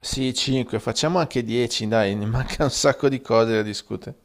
Sì, 5, facciamo anche 10, dai, ne manca un sacco di cose da discutere.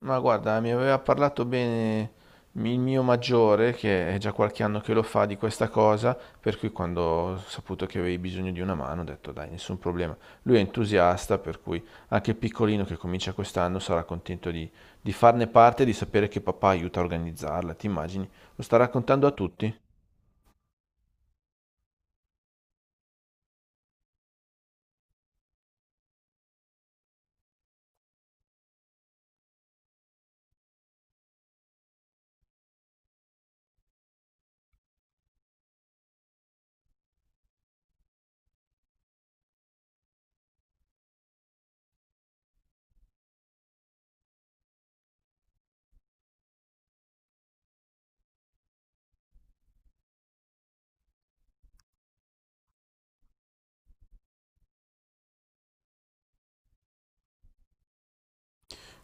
Ma guarda, mi aveva parlato bene il mio maggiore, che è già qualche anno che lo fa, di questa cosa, per cui quando ho saputo che avevi bisogno di una mano ho detto dai, nessun problema. Lui è entusiasta, per cui anche il piccolino che comincia quest'anno sarà contento di farne parte e di sapere che papà aiuta a organizzarla, ti immagini? Lo sta raccontando a tutti?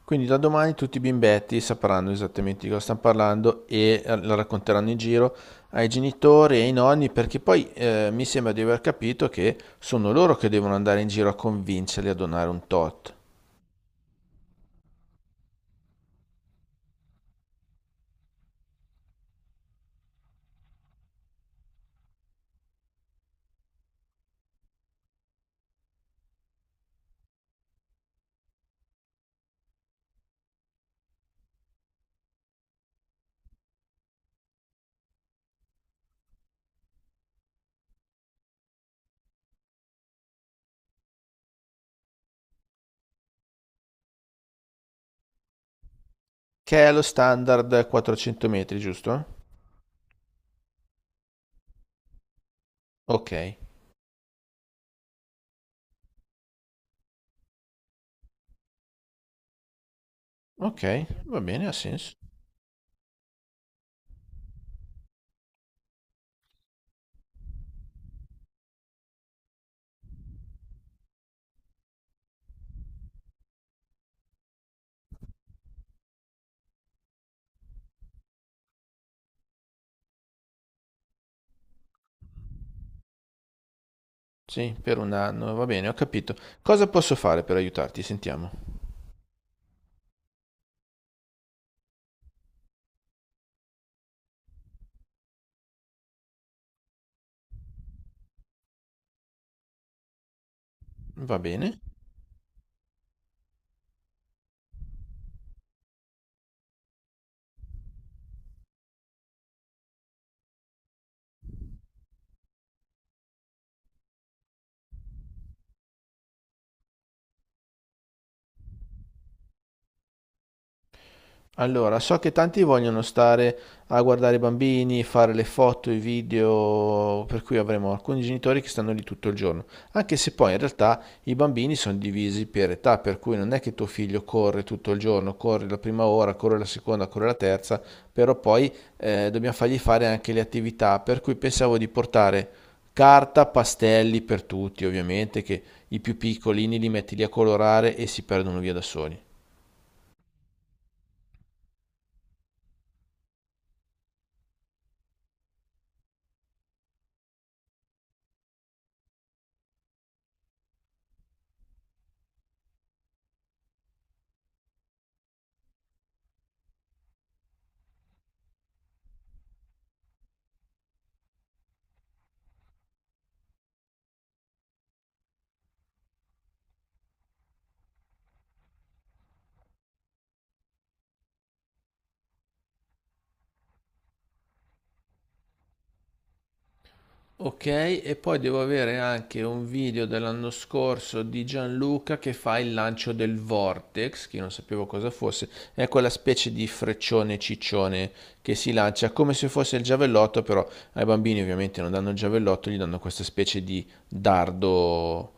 Quindi da domani tutti i bimbetti sapranno esattamente di cosa stanno parlando e lo racconteranno in giro ai genitori e ai nonni, perché poi mi sembra di aver capito che sono loro che devono andare in giro a convincerli a donare un tot, che è lo standard 400 metri, giusto? Ok, ok, va bene, ha senso. Sì, per un anno, va bene, ho capito. Cosa posso fare per aiutarti? Sentiamo. Va bene. Allora, so che tanti vogliono stare a guardare i bambini, fare le foto, i video, per cui avremo alcuni genitori che stanno lì tutto il giorno, anche se poi in realtà i bambini sono divisi per età, per cui non è che tuo figlio corre tutto il giorno, corre la prima ora, corre la seconda, corre la terza, però poi dobbiamo fargli fare anche le attività, per cui pensavo di portare carta, pastelli per tutti, ovviamente, che i più piccolini li metti lì a colorare e si perdono via da soli. Ok, e poi devo avere anche un video dell'anno scorso di Gianluca che fa il lancio del Vortex, che io non sapevo cosa fosse, è quella specie di freccione ciccione che si lancia come se fosse il giavellotto, però ai bambini ovviamente non danno il giavellotto, gli danno questa specie di dardo.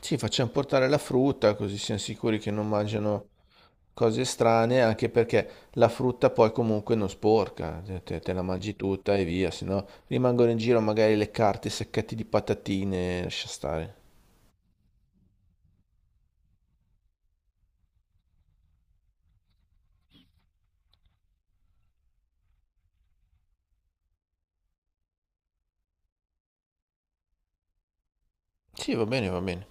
Sì, facciamo portare la frutta così siamo sicuri che non mangiano cose strane, anche perché la frutta poi comunque non sporca, te, te la mangi tutta e via, se no rimangono in giro magari le carte, i sacchetti di patatine, lascia stare. Sì, va bene, va bene.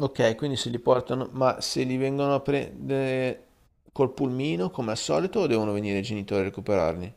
Ok, quindi se li portano, ma se li vengono a prendere col pulmino come al solito o devono venire i genitori a recuperarli?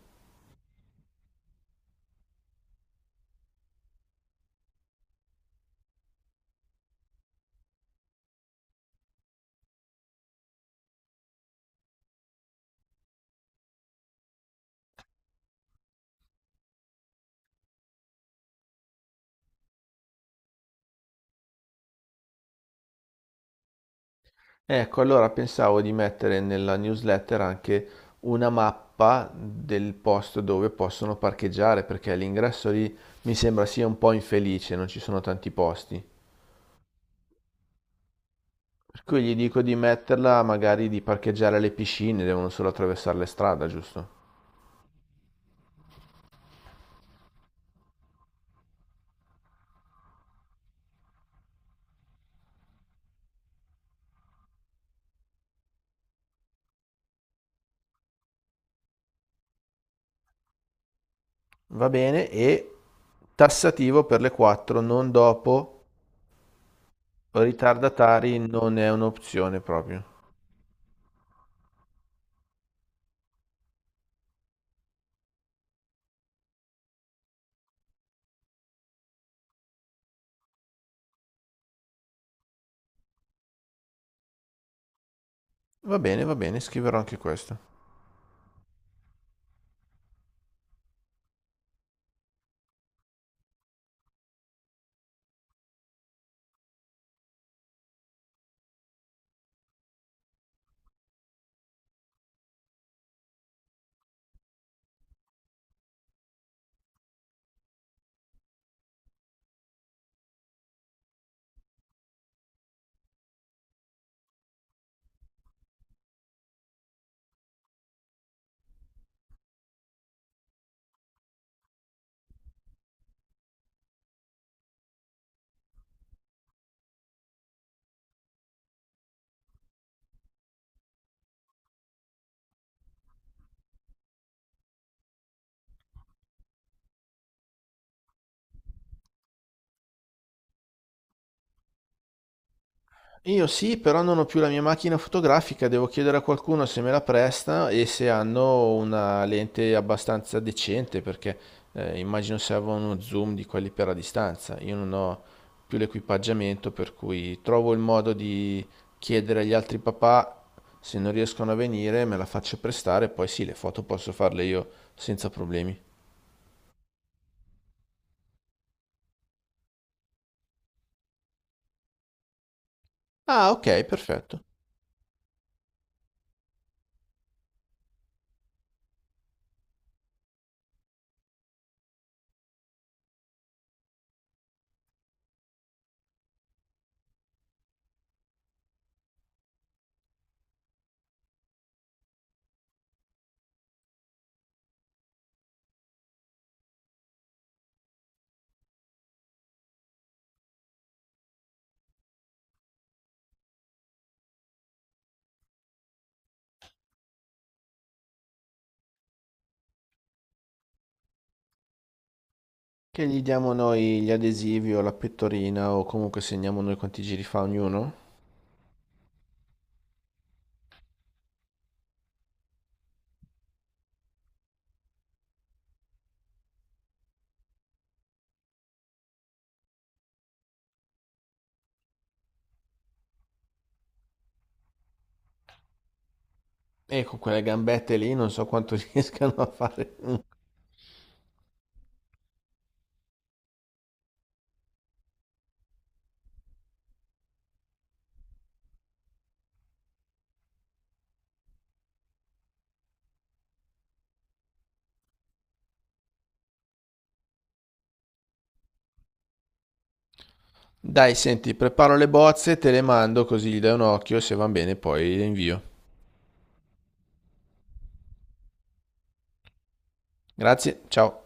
Ecco, allora pensavo di mettere nella newsletter anche una mappa del posto dove possono parcheggiare, perché l'ingresso lì mi sembra sia un po' infelice, non ci sono tanti posti. Per cui gli dico di metterla, magari di parcheggiare alle piscine, devono solo attraversare le strade, giusto? Va bene, e tassativo per le 4, non dopo, ritardatari non è un'opzione proprio. Va bene, scriverò anche questo. Io sì, però non ho più la mia macchina fotografica, devo chiedere a qualcuno se me la presta e se hanno una lente abbastanza decente, perché immagino serva uno zoom di quelli per la distanza. Io non ho più l'equipaggiamento, per cui trovo il modo di chiedere agli altri papà se non riescono a venire, me la faccio prestare, poi sì, le foto posso farle io senza problemi. Ah, ok, perfetto. Che gli diamo noi gli adesivi o la pettorina o comunque segniamo noi quanti giri fa ognuno? E con quelle gambette lì non so quanto riescano a fare. Dai, senti, preparo le bozze, te le mando così gli dai un occhio e se van bene poi le invio. Grazie, ciao.